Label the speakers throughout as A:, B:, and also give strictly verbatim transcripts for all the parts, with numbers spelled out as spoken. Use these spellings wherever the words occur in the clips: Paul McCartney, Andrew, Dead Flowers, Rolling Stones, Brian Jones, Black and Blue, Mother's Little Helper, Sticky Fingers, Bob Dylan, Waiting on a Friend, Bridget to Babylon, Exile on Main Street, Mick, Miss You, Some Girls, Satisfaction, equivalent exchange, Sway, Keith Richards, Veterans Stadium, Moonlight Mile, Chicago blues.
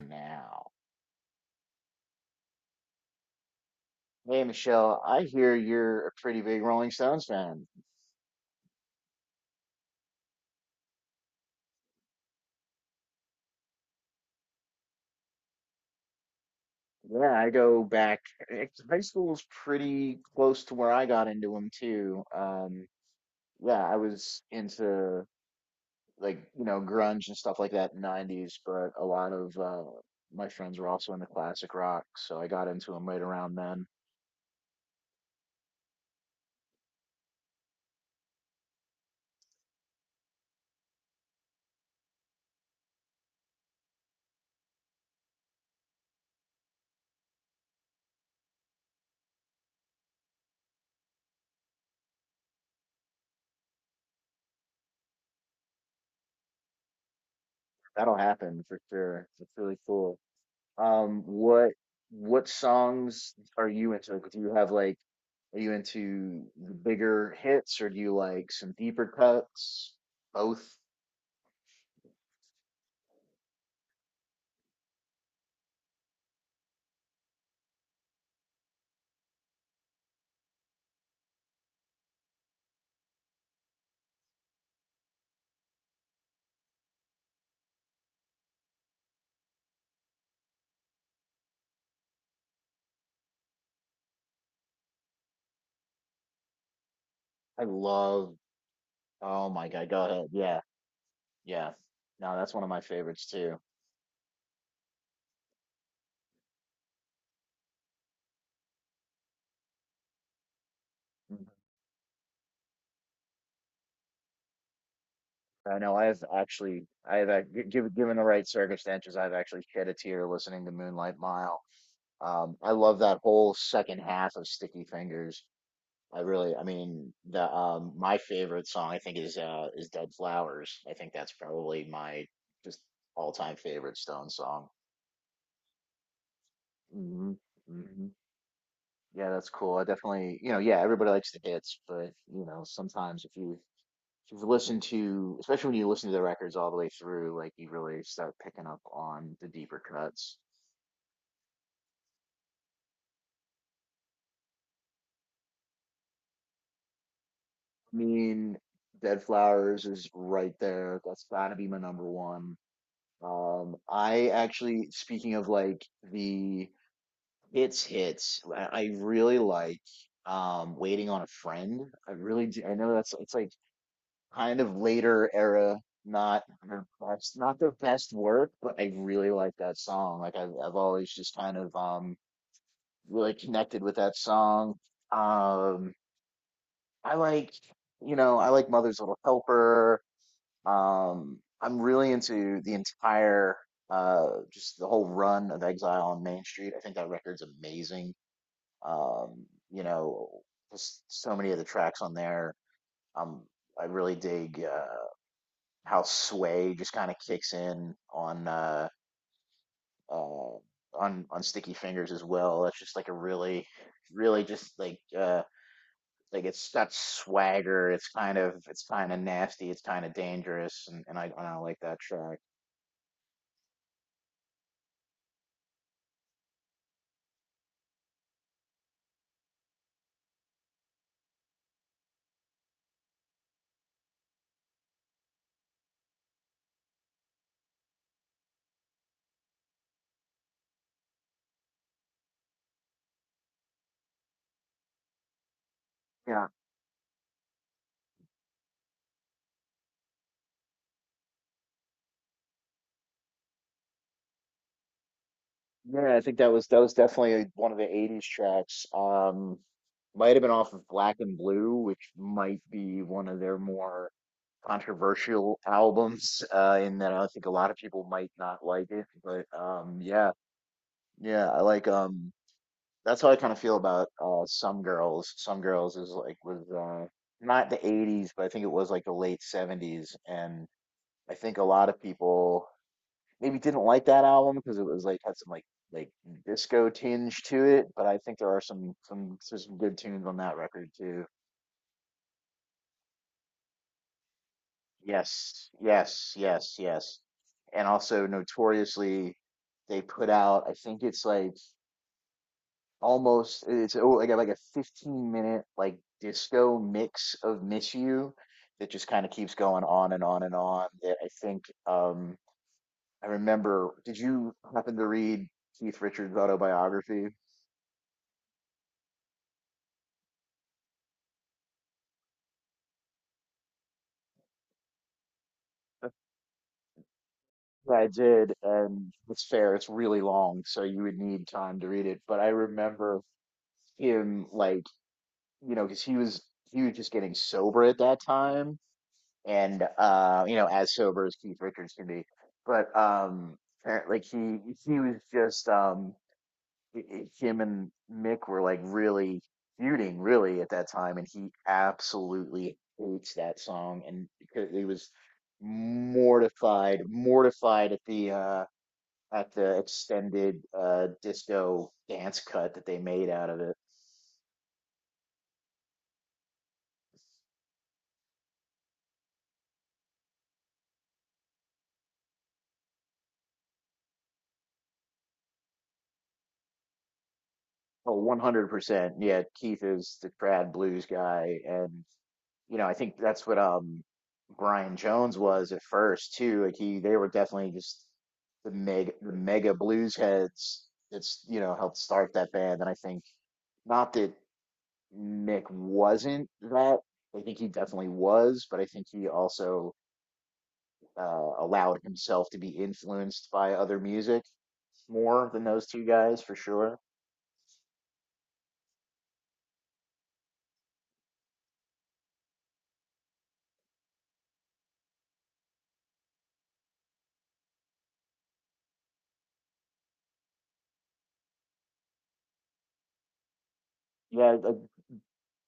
A: Now, hey Michelle, I hear you're a pretty big Rolling Stones fan. Yeah, I go back. eh, High school was pretty close to where I got into them too. Um, yeah, I was into like you know grunge and stuff like that in the nineties, but a lot of uh, my friends were also into classic rock, so I got into them right around then. That'll happen for sure. It's really cool. Um, what what songs are you into? Like, do you have like, are you into the bigger hits or do you like some deeper cuts? Both. I love. Oh my God, go ahead. Yeah, yeah. No, that's one of my favorites too. Mhm. I know I have actually, I have ac- gi- given given the right circumstances, I've actually shed a tear listening to Moonlight Mile. Um, I love that whole second half of Sticky Fingers. I really, I mean, the um my favorite song I think is uh is Dead Flowers. I think that's probably my just all-time favorite Stone song. hmm hmm Yeah, that's cool. I definitely, you know, yeah, everybody likes the hits, but you know, sometimes if you if you've listened to, especially when you listen to the records all the way through, like you really start picking up on the deeper cuts. I mean, Dead Flowers is right there. That's gotta be my number one. Um, I actually, speaking of like the hits hits, I I really like um Waiting on a Friend. I really do. I know that's it's like kind of later era, not their best, not their best work, but I really like that song. Like I've I've always just kind of um really connected with that song. Um, I like, you know, I like Mother's Little Helper. Um, I'm really into the entire, uh, just the whole run of Exile on Main Street. I think that record's amazing. Um, you know, just so many of the tracks on there. Um, I really dig uh, how Sway just kind of kicks in on uh, uh, on on Sticky Fingers as well. That's just like a really, really just like uh, like it's got swagger. It's kind of it's kind of nasty. It's kind of dangerous, and, and I, and I like that track. Yeah. Yeah, I think that was that was definitely one of the eighties tracks. Um, might have been off of Black and Blue, which might be one of their more controversial albums, uh, in that I think a lot of people might not like it. But um, yeah, yeah, I like um, that's how I kind of feel about uh, Some Girls. Some Girls is like was uh, not the eighties, but I think it was like the late seventies, and I think a lot of people maybe didn't like that album because it was like had some like like disco tinge to it, but I think there are some some there's some good tunes on that record too. Yes, yes, yes, yes. And also notoriously they put out I think it's like almost it's oh like a- like a fifteen minute like disco mix of Miss You that just kind of keeps going on and on and on that I think um I remember, did you happen to read Keith Richards' autobiography? Yeah, I did, and it's fair, it's really long, so you would need time to read it. But I remember him like, you know, because he was he was just getting sober at that time, and uh, you know, as sober as Keith Richards can be. But um apparently like he he was just um I- I- him and Mick were like really feuding really at that time, and he absolutely hates that song, and because he was mortified, mortified at the uh at the extended uh disco dance cut that they made out of it. Oh, one hundred percent. Yeah, Keith is the trad blues guy, and you know, I think that's what um Brian Jones was at first too. Like he they were definitely just the mega the mega blues heads that's, you know, helped start that band, and I think not that Mick wasn't that. I think he definitely was, but I think he also uh allowed himself to be influenced by other music more than those two guys for sure. Yeah, like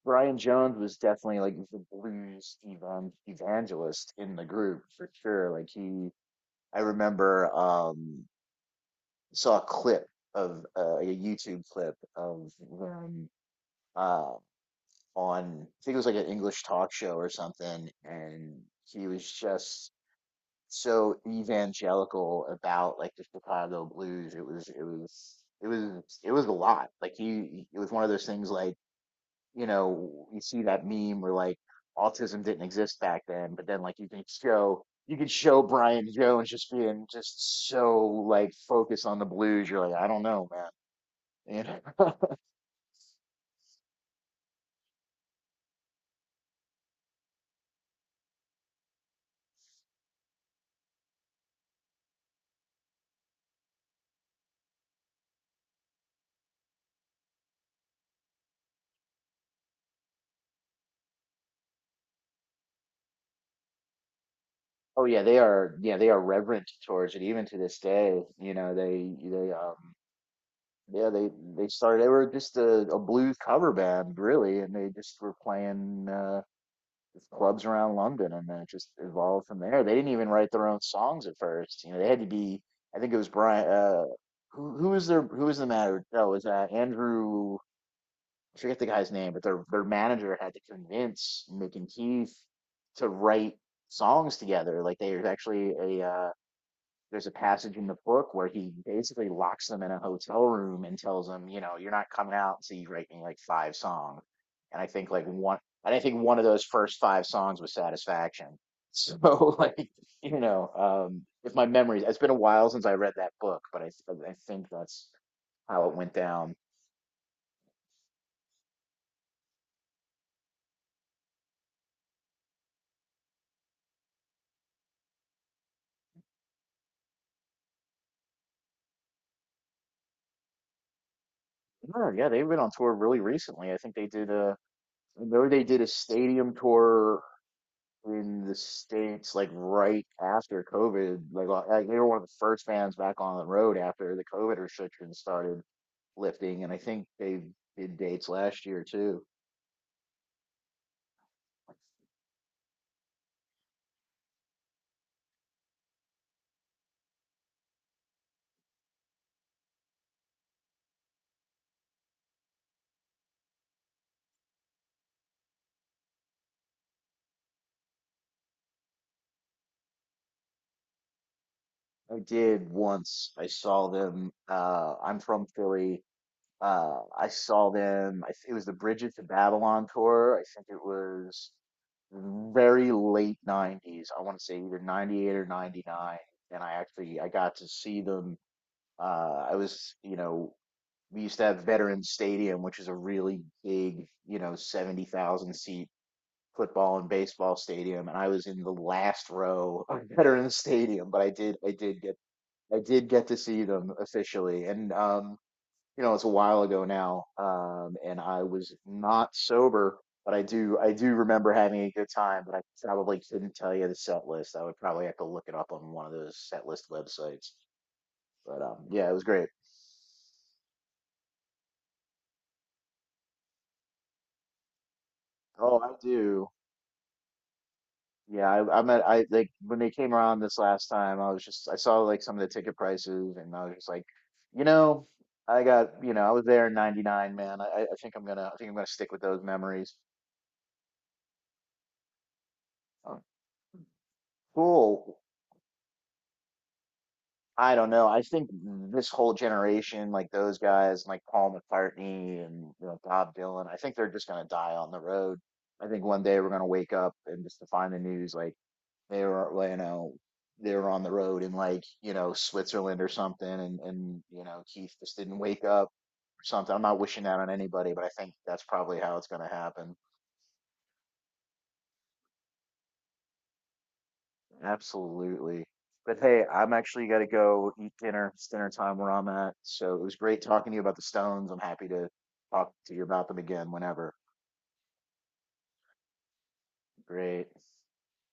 A: Brian Jones was definitely like the blues evan- evangelist in the group for sure. Like he, I remember um saw a clip of uh, like, a YouTube clip of them uh on I think it was like an English talk show or something, and he was just so evangelical about like the Chicago blues. It was it was it was it was a lot. Like he, it was one of those things like you know, you see that meme where like autism didn't exist back then, but then like you can show you can show Brian Jones just being just so like focused on the blues. You're like, I don't know, man. You know? Oh yeah, they are, yeah, they are reverent towards it even to this day. You know, they they um yeah, they they started. They were just a, a blues cover band really, and they just were playing uh just clubs around London, and then it just evolved from there. They didn't even write their own songs at first. You know, they had to be. I think it was Brian. Uh, who who was their who was the manager? No, it was uh, Andrew. I forget the guy's name, but their their manager had to convince Mick and Keith to write songs together. Like they were actually a uh, there's a passage in the book where he basically locks them in a hotel room and tells them, you know, you're not coming out until you write me like five songs. And I think like one, and I think one of those first five songs was Satisfaction. So like, you know, um, if my memory, it's been a while since I read that book, but I I think that's how it went down. Oh, yeah, they've been on tour really recently. I think they did a, I know they did a stadium tour in the States, like, right after COVID, like, uh, like, they were one of the first bands back on the road after the COVID restrictions started lifting, and I think they did dates last year too. I did once. I saw them. Uh, I'm from Philly. Uh, I saw them. I, th- it was the Bridget to Babylon tour. I think it was very late nineties. I want to say either ninety-eight or ninety-nine. And I actually I got to see them. Uh, I was, you know, we used to have Veterans Stadium, which is a really big, you know, seventy thousand seat football and baseball stadium. And I was in the last row of Veterans Stadium, but I did, I did get, I did get to see them officially. And, um, you know, it's a while ago now. Um, and I was not sober, but I do, I do remember having a good time, but I probably couldn't tell you the set list. I would probably have to look it up on one of those set list websites. But, um, yeah, it was great. Oh, I do. Yeah, I, I'm at, I like when they came around this last time, I was just, I saw like some of the ticket prices and I was just like, you know, I got, you know, I was there in ninety-nine, man. I, I I think I'm gonna, I think I'm gonna stick with those memories. Oh, cool. I don't know. I think this whole generation, like those guys, like Paul McCartney and you know, Bob Dylan, I think they're just gonna die on the road. I think one day we're gonna wake up and just to find the news, like, they were well, you know they were on the road in like you know Switzerland or something, and and you know Keith just didn't wake up or something. I'm not wishing that on anybody, but I think that's probably how it's going to happen. Absolutely. But hey, I'm actually got to go eat dinner. It's dinner time where I'm at. So it was great talking to you about the Stones. I'm happy to talk to you about them again whenever. Great.